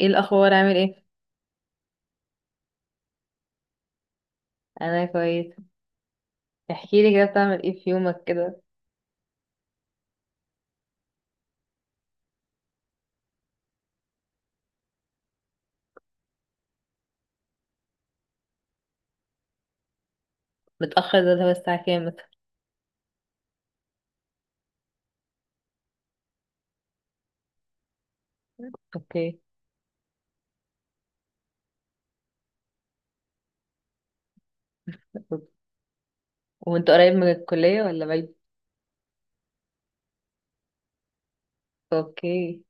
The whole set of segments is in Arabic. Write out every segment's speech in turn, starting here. ايه الاخبار عامل ايه؟ انا كويس. احكي لي كده، بتعمل ايه في يومك كده؟ متاخر ده اللي هو الساعه كام مثلا؟ اوكي. وانت قريب من الكليه ولا بعيد؟ اوكي.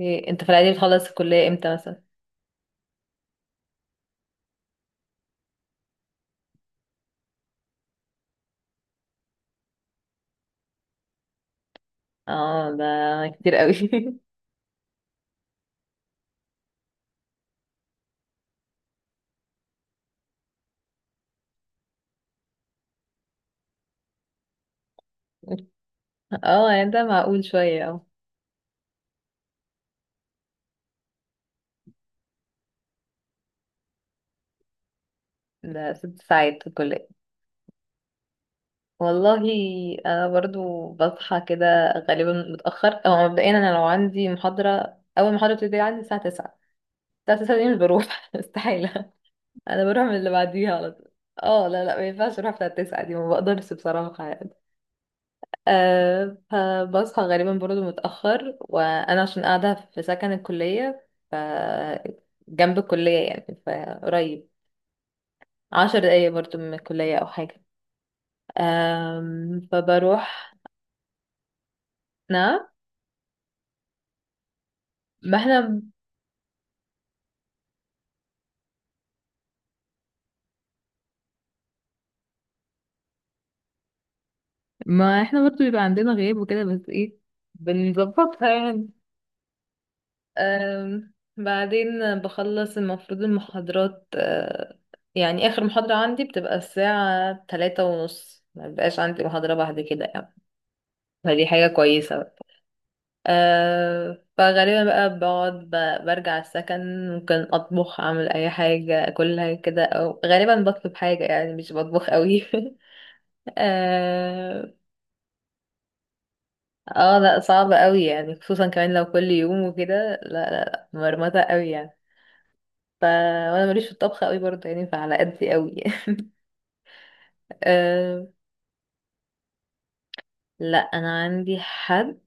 إيه. انت في العادي بتخلص الكليه امتى مثلا؟ اه ده كتير قوي. اه يعني ده معقول شويه. اه ده ست ساعات في الكليه؟ والله انا برضو بصحى كده غالبا متاخر، او مبدئيا انا لو عندي محاضره، اول محاضره بتبتدي عندي الساعه 9. الساعه 9 دي مش بروح استحاله. انا بروح من اللي بعديها على طول. اه لا لا ما ينفعش اروح بتاع التسعة دي، ما بقدرش بصراحة يعني. أه فبصحى غالبا برضه متأخر، وانا عشان قاعدة في سكن الكلية ف جنب الكلية يعني فقريب. عشر دقايق برضه من الكلية او حاجة. أم فبروح. نعم. ما احنا ما احنا برضه بيبقى عندنا غياب وكده، بس ايه، بنظبطها يعني. أم، بعدين بخلص المفروض المحاضرات أه، يعني آخر محاضرة عندي بتبقى الساعة تلاتة ونص، ما بيبقاش عندي محاضرة بعد كده يعني. فدي حاجة كويسة بقى. أه فغالبا بقى بقعد برجع السكن، ممكن أطبخ أعمل أي حاجة أكلها كده، أو غالبا بطلب حاجة يعني مش بطبخ قوي. اه آه، لا صعب قوي يعني، خصوصا كمان لو كل يوم وكده، لا لا لا مرمطة قوي يعني. وانا ماليش في الطبخ قوي برضه يعني، فعلى قدي قوي. أه... لا انا عندي حد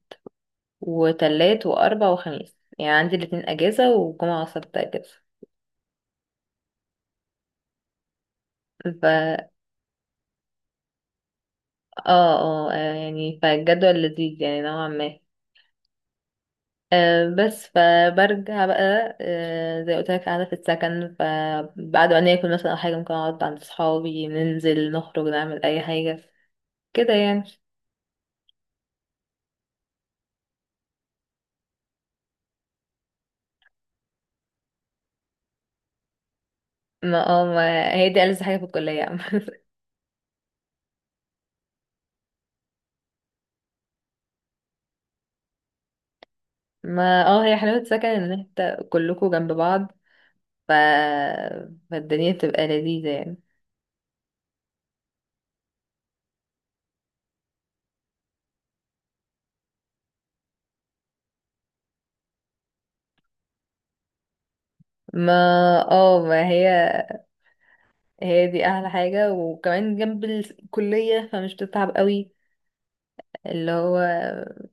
وتلات واربع وخميس، يعني عندي الاتنين اجازة وجمعة وسبت اجازة. ف اه اه آه، يعني فالجدول لذيذ يعني نوعا ما. أه بس فبرجع بقى، أه زي قلت لك قاعدة في السكن، فبعد ما ناكل مثلا أو حاجة، ممكن أقعد عند صحابي، ننزل نخرج نعمل أي حاجة كده يعني. ما اه ما هي دي ألذ حاجة في الكلية. ما اه هي حلاوة سكن ان انت كلكوا جنب بعض. ف... فالدنيا بتبقى لذيذة يعني. ما اه ما هي هي دي احلى حاجة، وكمان جنب الكلية فمش بتتعب قوي. اللي هو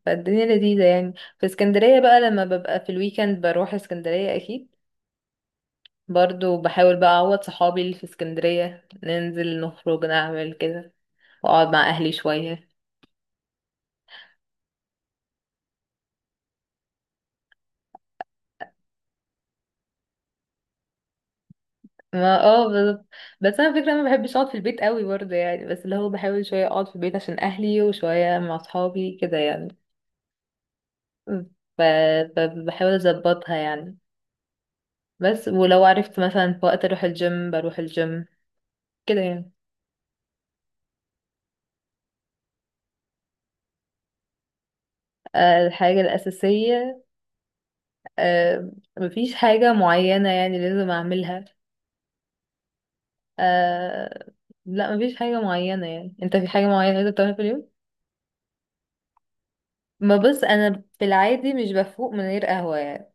فالدنيا لذيذة يعني. في اسكندرية بقى، لما ببقى في الويكند بروح اسكندرية اكيد. برضو بحاول بقى اعوض صحابي اللي في اسكندرية، ننزل نخرج نعمل كده، واقعد مع اهلي شوية. ما اه بالظبط. بس انا فكرة ما بحبش اقعد في البيت قوي برضه يعني، بس اللي هو بحاول شوية اقعد في البيت عشان اهلي، وشوية مع اصحابي كده يعني. ف... فبحاول اظبطها يعني. بس ولو عرفت مثلا في وقت اروح الجيم بروح الجيم كده يعني. آه، الحاجة الأساسية، آه، مفيش حاجة معينة يعني لازم أعملها. أه لا مفيش حاجة معينة يعني. أنت في حاجة معينة لازم تعملها في اليوم؟ ما بص أنا في العادي مش بفوق من غير قهوة يعني.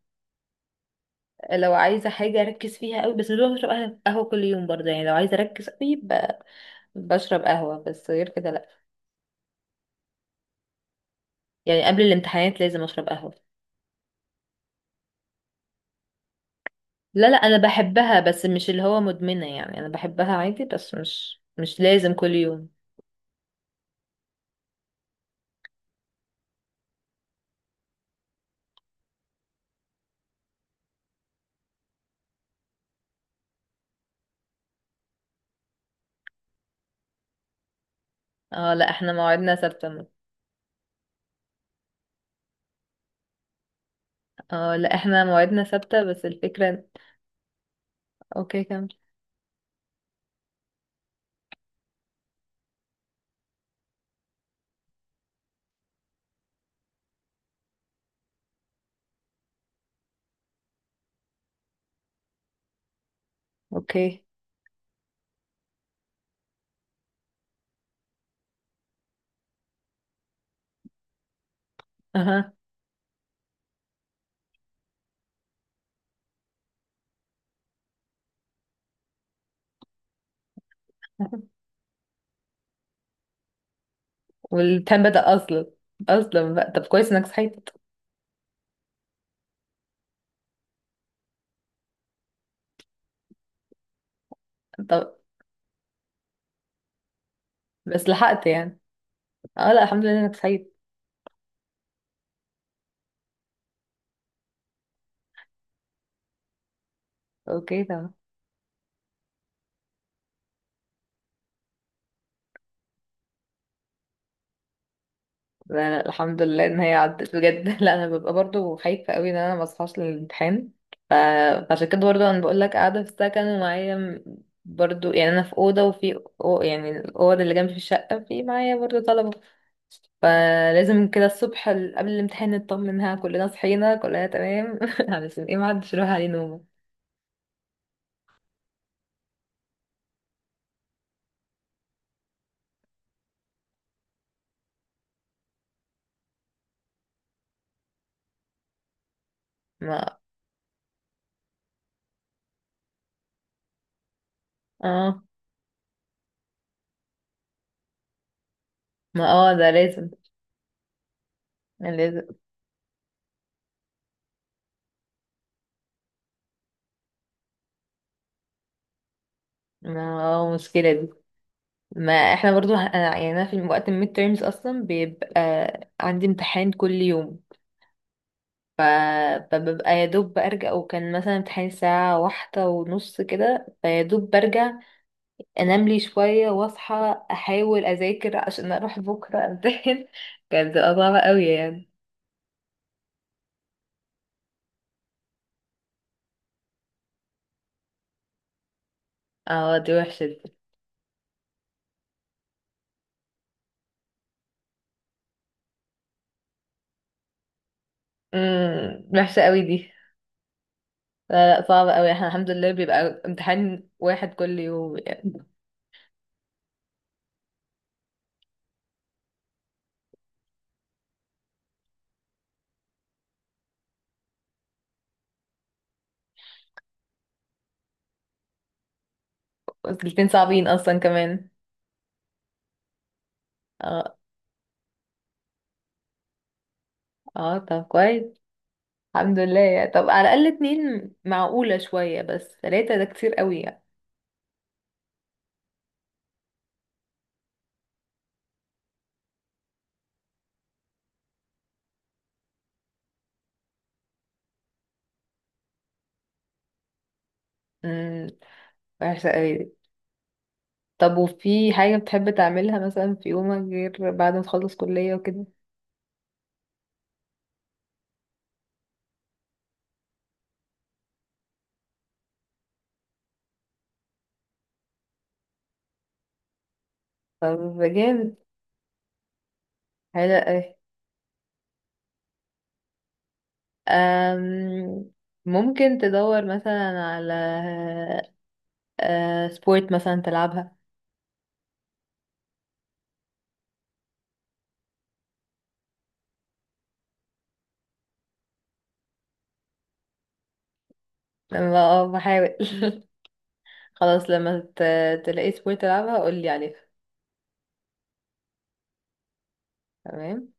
لو عايزة حاجة أركز فيها قوي، بس مش بشرب قهوة كل يوم برضه يعني، لو عايزة أركز قوي بشرب قهوة، بس غير كده لأ. يعني قبل الامتحانات لازم أشرب قهوة. لا لا أنا بحبها، بس مش اللي هو مدمنة يعني، أنا بحبها عادي بس مش مش لازم كل يوم. اه لا احنا مواعيدنا ثابتة اه لا احنا مواعيدنا ثابتة، بس الفكرة إن- اوكي كمل. اوكي. اها. والامتحان بدأ أصلا؟ أصلا بقى؟ طب كويس إنك صحيت. طب بس لحقت يعني. اه لا الحمد لله إنك صحيت. اوكي تمام. لا لا الحمد لله ان هي عدت بجد. لا انا ببقى برضو خايفه قوي ان انا ما اصحاش للامتحان. ف... فعشان كده برضو انا بقول لك قاعده في السكن، ومعايا برضو يعني انا في اوضه، وفي أو... يعني الاوضه اللي جنبي في الشقه في معايا برضو طلبه. فلازم كده الصبح قبل الامتحان نطمنها كلنا صحينا كلنا تمام. علشان ايه ما حدش يروح عليه نومه. ما اه ما اه ده لازم. لازم. ما اه مشكله دي. ما احنا برضو يعني انا في وقت الميد تيرمز اصلا بيبقى عندي امتحان كل يوم. ف- فببقى يا دوب برجع، وكان مثلا امتحان الساعة واحدة ونص كده، فيا دوب برجع انام لي شوية، واصحى احاول اذاكر عشان اروح بكرة امتحن. كانت بتبقى صعبة قوي يعني. اه دي وحشة دي. وحشة قوي دي. لا لا صعبة قوي، احنا الحمد لله بيبقى امتحان واحد كل يوم يعني. بس الاتنين صعبين اصلا كمان. اه اه طب كويس. الحمد لله، طب على الأقل اتنين معقولة شوية، بس تلاتة ده كتير قوي يعني. امم وحشة قوي دي. طب وفي حاجة بتحب تعملها مثلا في يومك، غير بعد ما تخلص كلية وكده؟ طب جامد. حلو قوي. أم، ممكن تدور مثلا على، أه، سبورت مثلا تلعبها. لما اه بحاول. خلاص لما تلاقي سبورت تلعبها قولي عليها. تمام.